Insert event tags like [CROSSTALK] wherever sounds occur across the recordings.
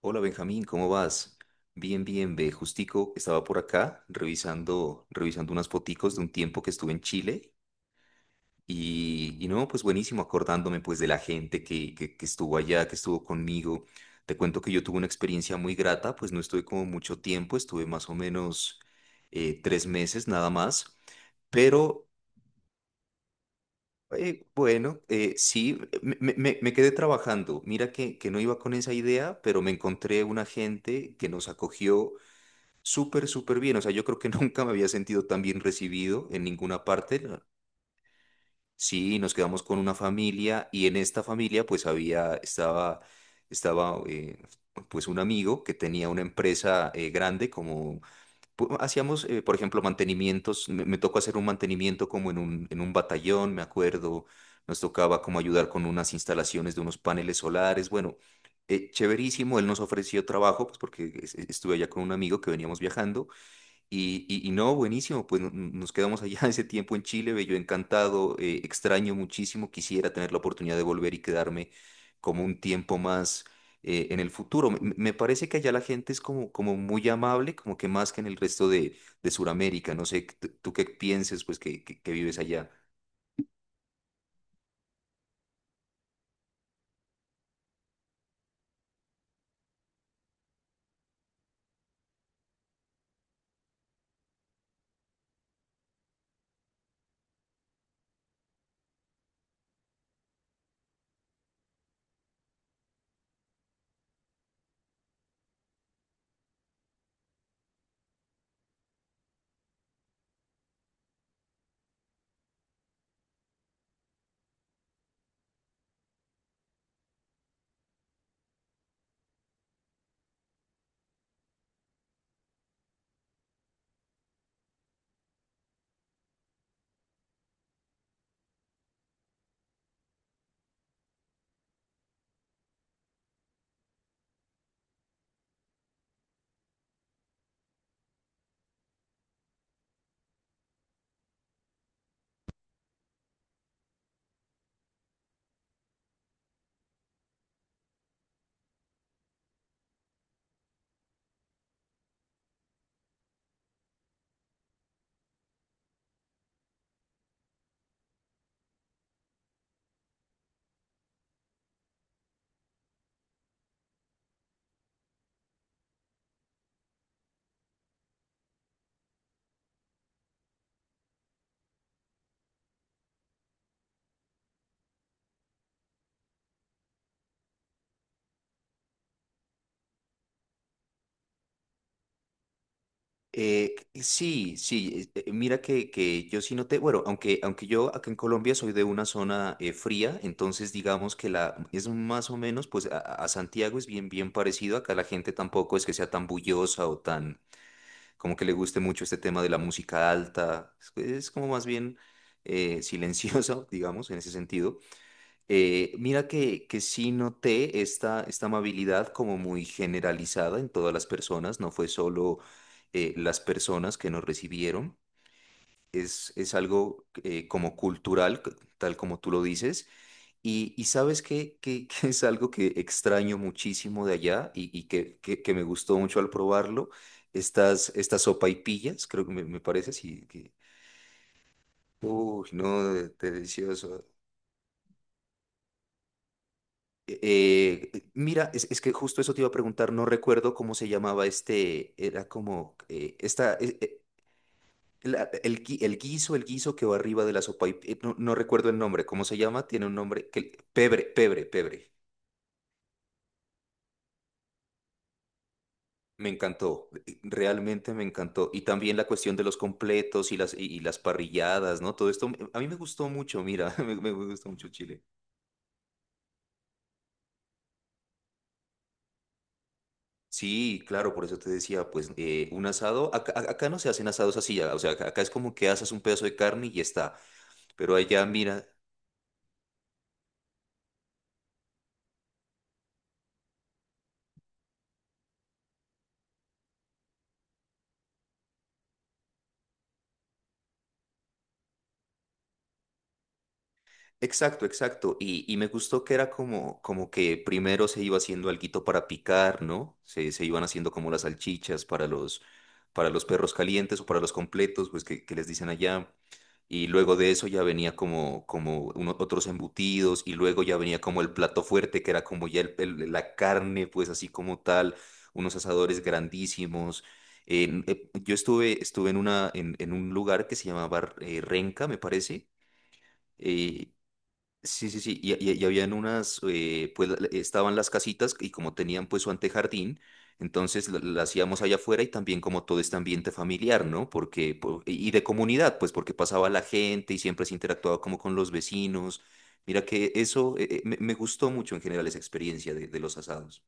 Hola Benjamín, ¿cómo vas? Bien, bien, ve, justico estaba por acá revisando unas foticos de un tiempo que estuve en Chile y no, pues buenísimo, acordándome pues de la gente que estuvo allá, que estuvo conmigo. Te cuento que yo tuve una experiencia muy grata, pues no estuve como mucho tiempo, estuve más o menos tres meses nada más, pero bueno, sí, me quedé trabajando. Mira que no iba con esa idea, pero me encontré una gente que nos acogió súper, súper bien. O sea, yo creo que [LAUGHS] nunca me había sentido tan bien recibido en ninguna parte, ¿no? Sí, nos quedamos con una familia y en esta familia pues había, estaba pues un amigo que tenía una empresa grande como, pu- hacíamos, por ejemplo, mantenimientos. Me tocó hacer un mantenimiento como en un batallón, me acuerdo. Nos tocaba como ayudar con unas instalaciones de unos paneles solares. Bueno, chéverísimo. Él nos ofreció trabajo pues porque es- estuve allá con un amigo que veníamos viajando. Y no, buenísimo, pues no- no- nos quedamos allá [LAUGHS] ese tiempo en Chile, yo encantado, extraño muchísimo, quisiera tener la oportunidad de volver y quedarme como un tiempo más en el futuro. Me parece que allá la gente es como, como muy amable, como que más que en el resto de Sudamérica, no sé, tú qué pienses, pues que, que vives allá. Sí, sí, mira que yo sí noté, bueno, aunque yo acá en Colombia soy de una zona fría, entonces digamos que la es más o menos, pues a Santiago es bien, bien parecido, acá la gente tampoco es que sea tan bullosa o tan, como que le guste mucho este tema de la música alta, es como más bien silenciosa, [LAUGHS] digamos, en ese sentido. Mira que sí noté esta, esta amabilidad como muy generalizada en todas las personas, no fue solo las personas que nos recibieron, es algo como cultural, c- tal como tú lo dices, y sabes [LAUGHS] que es algo que extraño muchísimo de allá y que, que me gustó mucho al probarlo, estas, estas sopaipillas, creo que me parece así, que, uy, no, de- delicioso. Mira, es que justo eso te iba a preguntar, no recuerdo cómo se llamaba este, era como, esta, la- el, gui- el guiso que va arriba de la sopa, no, no recuerdo el nombre, ¿cómo se llama? Tiene un nombre, que, pebre, pebre, pebre. Me encantó, realmente me encantó. Y también la cuestión de los completos y las, y las parrilladas, ¿no? Todo esto, me- a mí me gustó mucho, mira, [LAUGHS] me gustó mucho Chile. Sí, claro, por eso te decía, pues un asado, acá, a- acá no se hacen asados así, ya, o sea, acá es como que asas un pedazo de carne y ya está. Pero allá, mira, exacto, exacto. Y me gustó que era como, como que primero se iba haciendo alguito para picar, ¿no? Se iban haciendo como las salchichas para los perros calientes o para los completos, pues que les dicen allá. Y luego de eso ya venía como, como uno- otros embutidos y luego ya venía como el plato fuerte, que era como ya el- la carne, pues así como tal, unos asadores grandísimos. En- yo estuve, estuve en, una, en un lugar que se llamaba Renca, me parece. eh, Sí, sí, sí, y habían unas, pues la- estaban las casitas y como tenían pues su antejardín, entonces la hacíamos allá afuera y también como todo este ambiente familiar, ¿no? Porque, po- y de comunidad, pues porque pasaba la gente y siempre se interactuaba como con los vecinos. Mira que eso me, me gustó mucho en general esa experiencia de los asados.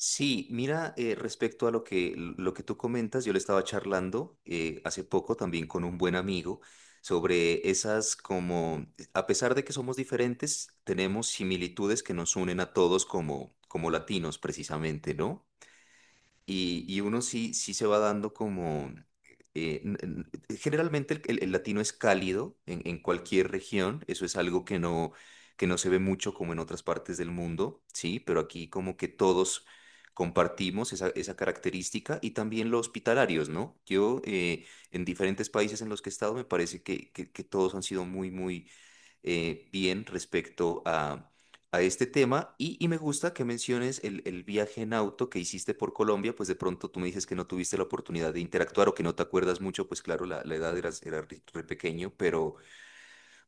Sí, mira, respecto a lo que tú comentas, yo le estaba charlando hace poco también con un buen amigo sobre esas como, a pesar de que somos diferentes, tenemos similitudes que nos unen a todos como, como latinos precisamente, ¿no? Y uno sí, sí se va dando como... generalmente el latino es cálido en cualquier región, eso es algo que no se ve mucho como en otras partes del mundo, ¿sí? Pero aquí como que todos compartimos esa, esa característica y también los hospitalarios, ¿no? Yo en diferentes países en los que he estado me parece que, que todos han sido muy, muy bien respecto a este tema y me gusta que menciones el viaje en auto que hiciste por Colombia, pues de pronto tú me dices que no tuviste la oportunidad de interactuar o que no te acuerdas mucho, pues claro, la edad era, era re pequeño,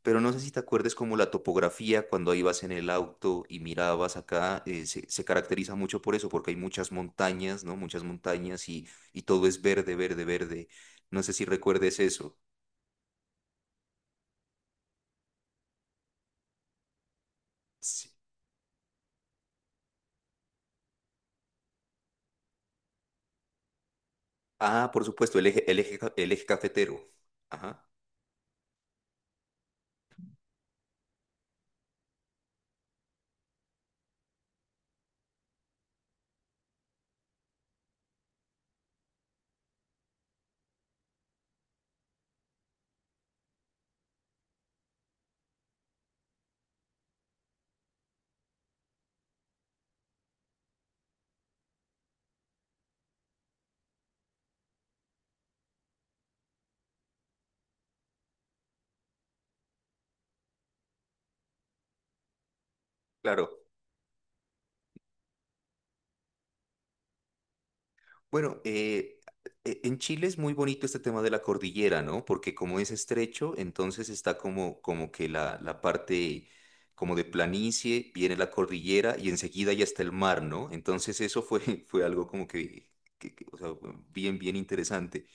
pero no sé si te acuerdes como la topografía cuando ibas en el auto y mirabas acá, se, se caracteriza mucho por eso, porque hay muchas montañas, ¿no? Muchas montañas y todo es verde, verde, verde. No sé si recuerdes eso. Sí. Ah, por supuesto, el eje, ca- el eje cafetero. Ajá, claro. Bueno, e- en Chile es muy bonito este tema de la cordillera, ¿no? Porque como es estrecho, entonces está como, como que la parte como de planicie, viene la cordillera y enseguida ya está el mar, ¿no? Entonces eso fue, [LAUGHS] fue algo como que, o sea, bien, bien interesante.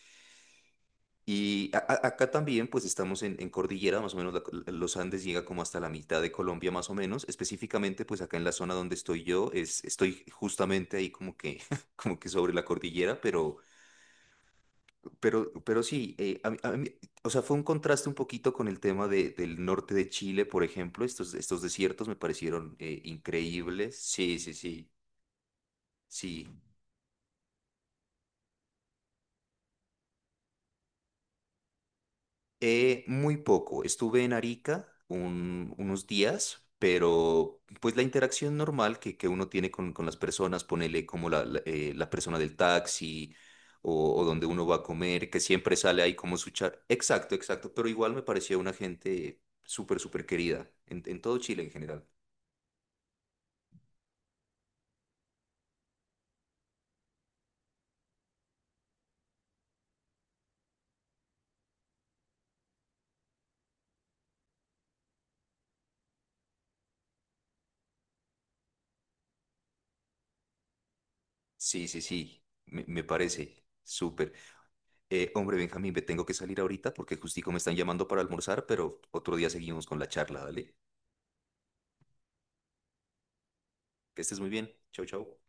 Y a- acá también, pues estamos en cordillera, más o menos la los Andes llega como hasta la mitad de Colombia, más o menos. Específicamente, pues acá en la zona donde estoy yo, es, estoy justamente ahí como que, [LAUGHS] como que sobre la cordillera, pero, pero sí, o sea, fue un contraste un poquito con el tema de- del norte de Chile, por ejemplo. Estos, estos desiertos me parecieron increíbles. Sí, sí, sí, sí. Muy poco. Estuve en Arica un- unos días, pero pues la interacción normal que uno tiene con las personas, ponele como la, la persona del taxi o donde uno va a comer, que siempre sale ahí como su char. Exacto, exacto, pero igual me parecía una gente súper, súper querida en todo Chile en general. Sí, sí, sí, me parece súper. Hombre, Benjamín, me tengo que salir ahorita porque justico me están llamando para almorzar, pero otro día seguimos con la charla, ¿vale? Que estés muy bien. Chau, chau.